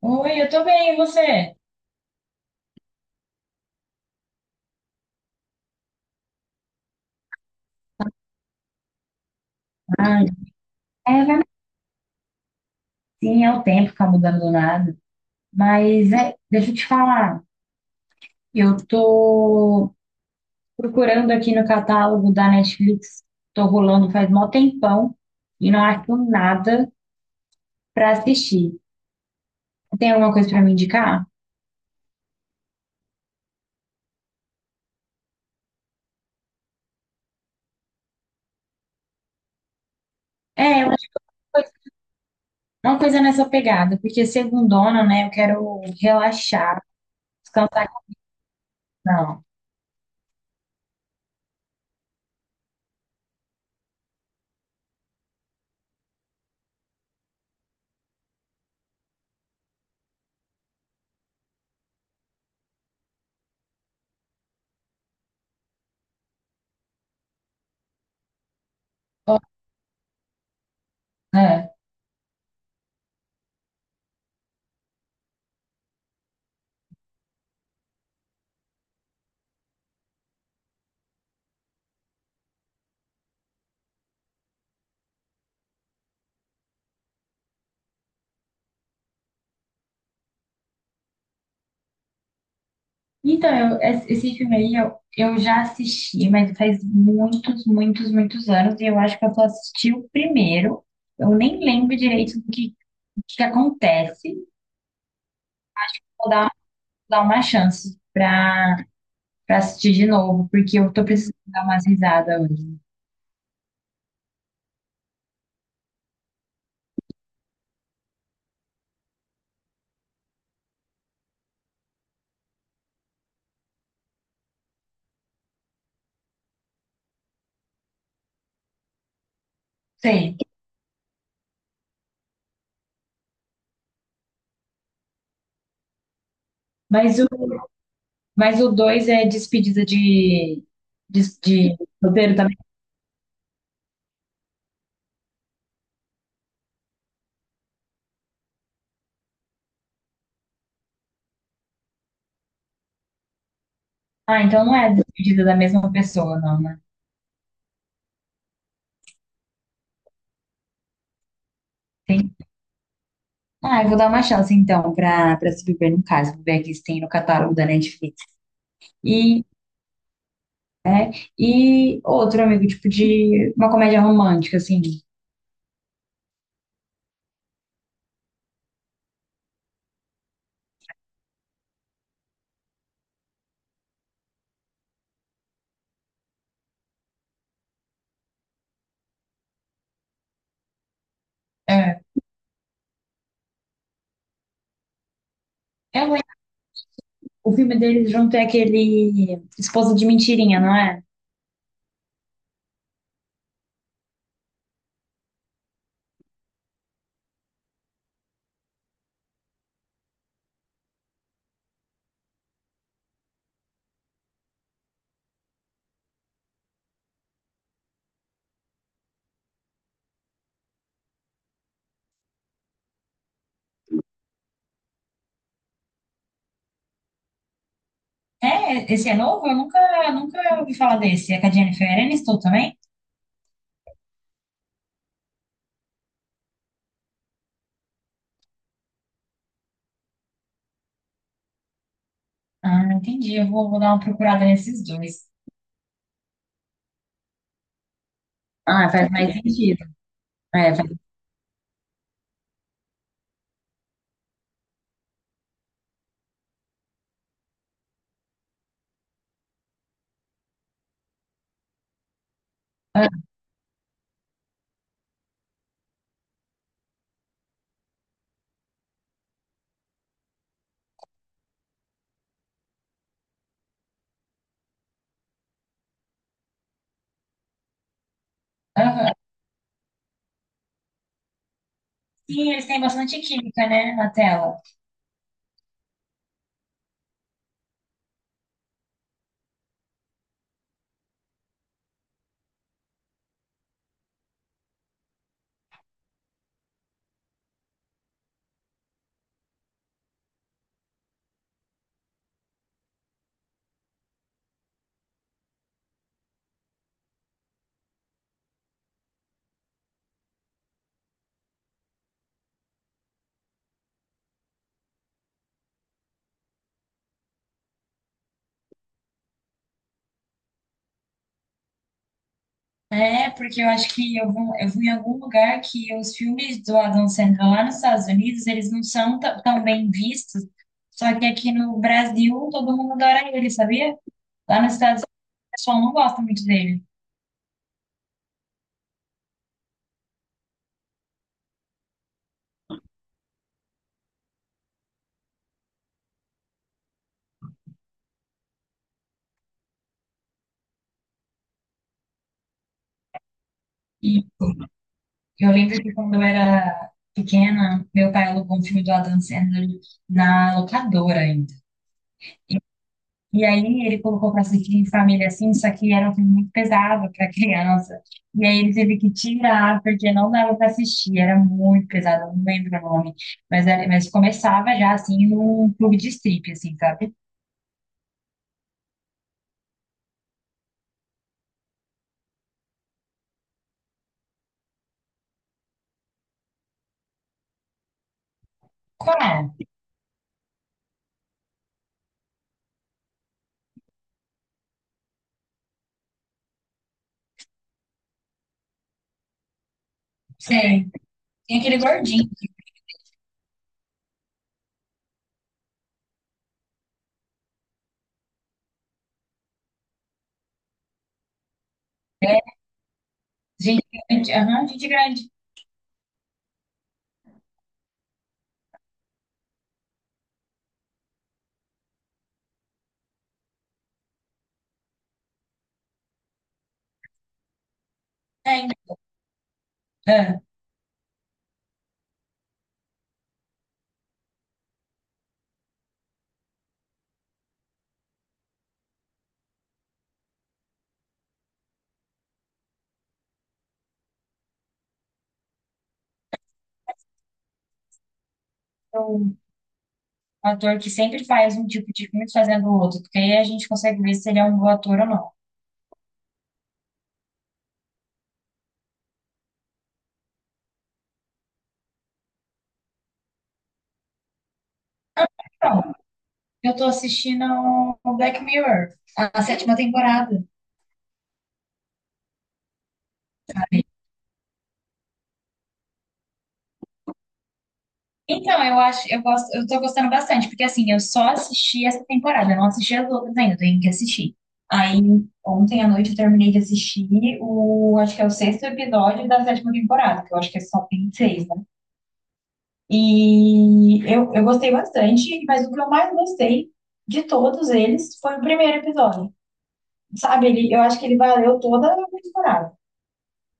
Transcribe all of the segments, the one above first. Oi, eu tô bem, e você? Ai, é, vai- sim, é o tempo ficar mudando do nada. Mas é, deixa eu te falar, eu tô procurando aqui no catálogo da Netflix, tô rolando faz mó tempão e não acho nada pra assistir. Tem alguma coisa pra me indicar? É, eu acho que foi uma coisa nessa pegada, porque segundona, né, eu quero relaxar, descansar com não. Então, esse filme aí eu já assisti, mas faz muitos, muitos, muitos anos, e eu acho que eu só assisti o primeiro. Eu nem lembro direito o que que acontece. Vou dar uma chance pra assistir de novo, porque eu tô precisando dar umas risadas hoje. Sei. Mas o, mas o dois é despedida de roteiro também. Ah, então não é despedida da mesma pessoa, não, né? Ah, eu vou dar uma chance então para se beber no caso, vou ver aqui se tem no catálogo da Netflix. E, é, e outro amigo, tipo de uma comédia romântica, assim. É, é ruim. O filme deles junto é aquele Esposa de Mentirinha, não é? É, esse é novo? Eu nunca, nunca ouvi falar desse. É com a Jennifer Aniston também? Ah, entendi. Eu vou dar uma procurada nesses dois. Ah, faz mais sentido. É, faz. Ah. Aham. Sim, eles têm bastante química, né, na tela. É, porque eu acho que eu fui em algum lugar que os filmes do Adam Sandler lá nos Estados Unidos, eles não são tão bem vistos, só que aqui no Brasil todo mundo adora ele, sabia? Lá nos Estados Unidos o pessoal não gosta muito dele. E eu lembro que quando eu era pequena, meu pai alugou um filme do Adam Sandler na locadora ainda. E aí ele colocou para assistir em família assim, só que era um filme muito pesado para criança. E aí ele teve que tirar, porque não dava para assistir, era muito pesado, eu não lembro o nome. Mas, mas começava já assim num clube de strip, assim, sabe? Qual? Sei. Tem aquele gordinho, né? Gente Grande, aham, Gente Grande. Tem. Ah, o ator que sempre faz um tipo de filme fazendo o outro, porque aí a gente consegue ver se ele é um bom ator ou não. Pronto. Eu tô assistindo o Black Mirror, a sétima temporada. Então, eu acho, eu gosto, eu tô gostando bastante, porque assim, eu só assisti essa temporada, eu não assisti as outras ainda, eu tenho que assistir. Aí, ontem à noite eu terminei de assistir acho que é o sexto episódio da sétima temporada, que eu acho que é só tem seis, né? E eu gostei bastante, mas o que eu mais gostei de todos eles foi o primeiro episódio. Sabe, eu acho que ele valeu toda a temporada.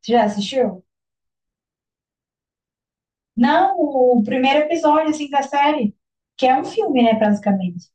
Você já assistiu? Não, o primeiro episódio, assim, da série, que é um filme, né, basicamente.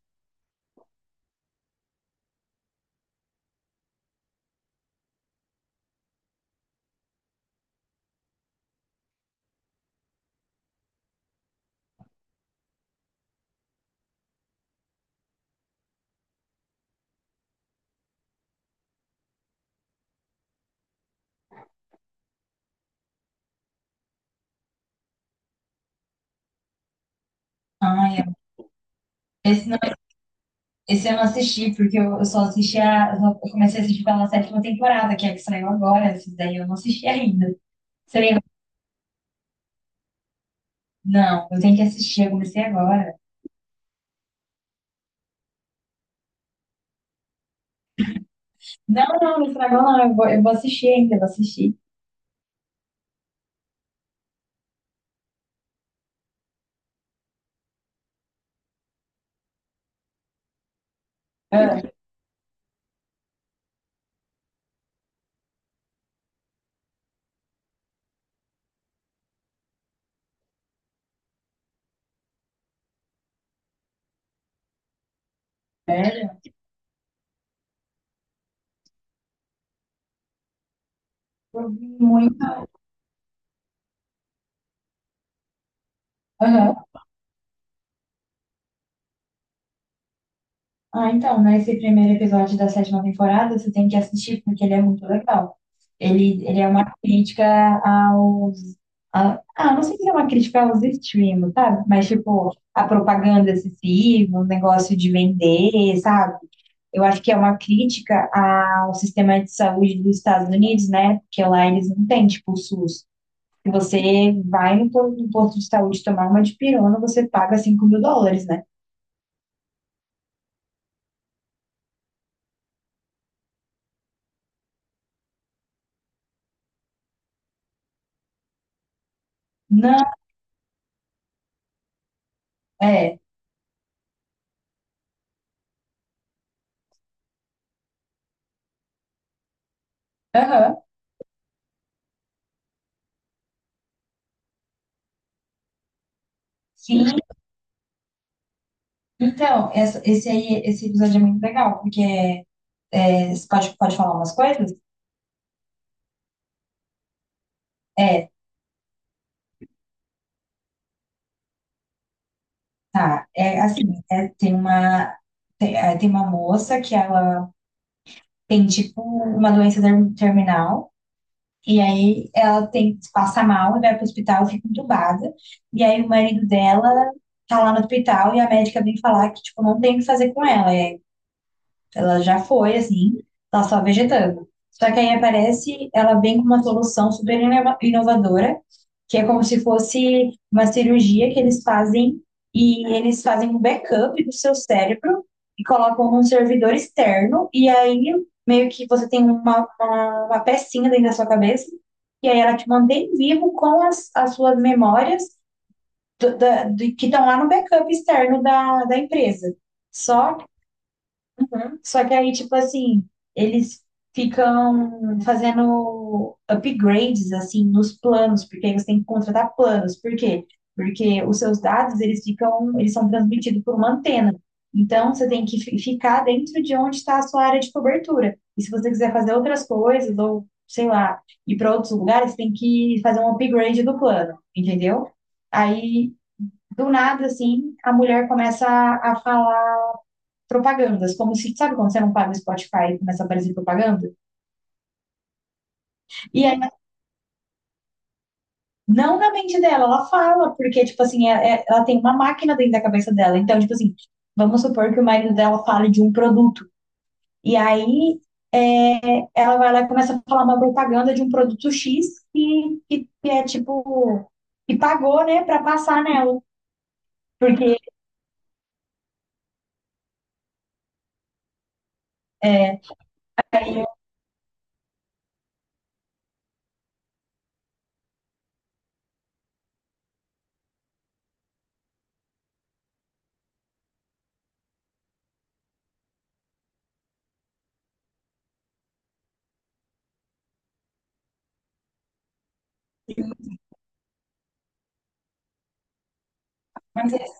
Ah, esse, não, esse eu não assisti, porque eu só assisti a. Eu comecei a assistir pela sétima temporada, que é a que saiu agora. Esse daí eu não assisti ainda. Seria. Não, eu tenho que assistir, eu comecei agora. Não, não, não estragou, não, eu vou assistir ainda, eu vou assistir. Ah, sério? Eu vi muito. Aham. Ah, então, nesse primeiro episódio da sétima temporada, você tem que assistir porque ele é muito legal. Ele é uma crítica aos. Não sei se é uma crítica aos streams, sabe? Mas, tipo, a propaganda excessiva, o negócio de vender, sabe? Eu acho que é uma crítica ao sistema de saúde dos Estados Unidos, né? Porque lá eles não têm, tipo, o SUS. Se você vai no posto de saúde tomar uma dipirona, você paga US$ 5.000, né? Não, é. Aham. Sim. Então, esse episódio é muito legal, porque você pode falar umas coisas? É, tá. É assim, é, tem uma, tem uma moça que ela tem tipo uma doença terminal, e aí ela passa mal, e vai pro hospital, fica entubada, e aí o marido dela tá lá no hospital e a médica vem falar que, tipo, não tem o que fazer com ela. Ela já foi, assim, tá só vegetando. Só que aí aparece, ela vem com uma solução super inovadora, que é como se fosse uma cirurgia que eles fazem e eles fazem um backup do seu cérebro e colocam num servidor externo e aí meio que você tem uma pecinha dentro da sua cabeça e aí ela te mantém vivo com as suas memórias que estão lá no backup externo da empresa. Só Uhum. Só que aí, tipo assim, eles ficam fazendo upgrades, assim, nos planos, porque aí você tem que contratar planos. Por quê? Porque os seus dados, eles ficam, eles são transmitidos por uma antena. Então, você tem que ficar dentro de onde está a sua área de cobertura. E se você quiser fazer outras coisas, ou, sei lá, ir para outros lugares, você tem que fazer um upgrade do plano, entendeu? Aí, do nada, assim, a mulher começa a falar propagandas, como se, sabe quando você não paga o Spotify e começa a aparecer propaganda? E aí, não na mente dela, ela fala, porque, tipo assim, ela tem uma máquina dentro da cabeça dela. Então, tipo assim, vamos supor que o marido dela fale de um produto. E aí, ela vai lá e começa a falar uma propaganda de um produto X que é, tipo, que pagou, né, pra passar nela. Porque, é, aí, mas eles,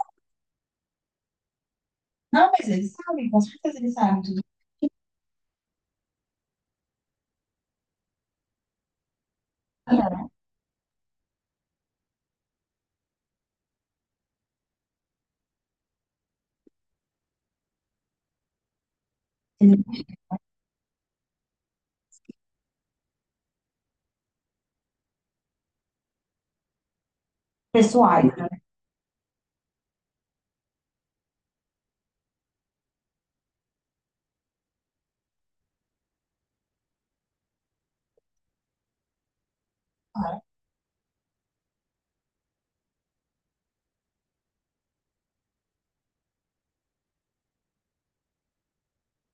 não, mas eles sabem, com certeza eles sabem tudo. Pessoais, né?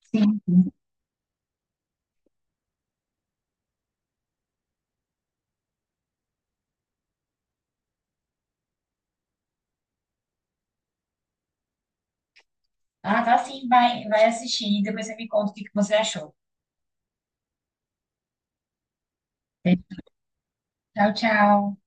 Sim. Ah, tá sim, vai assistir e depois você me conta o que que você achou. Tchau, tchau.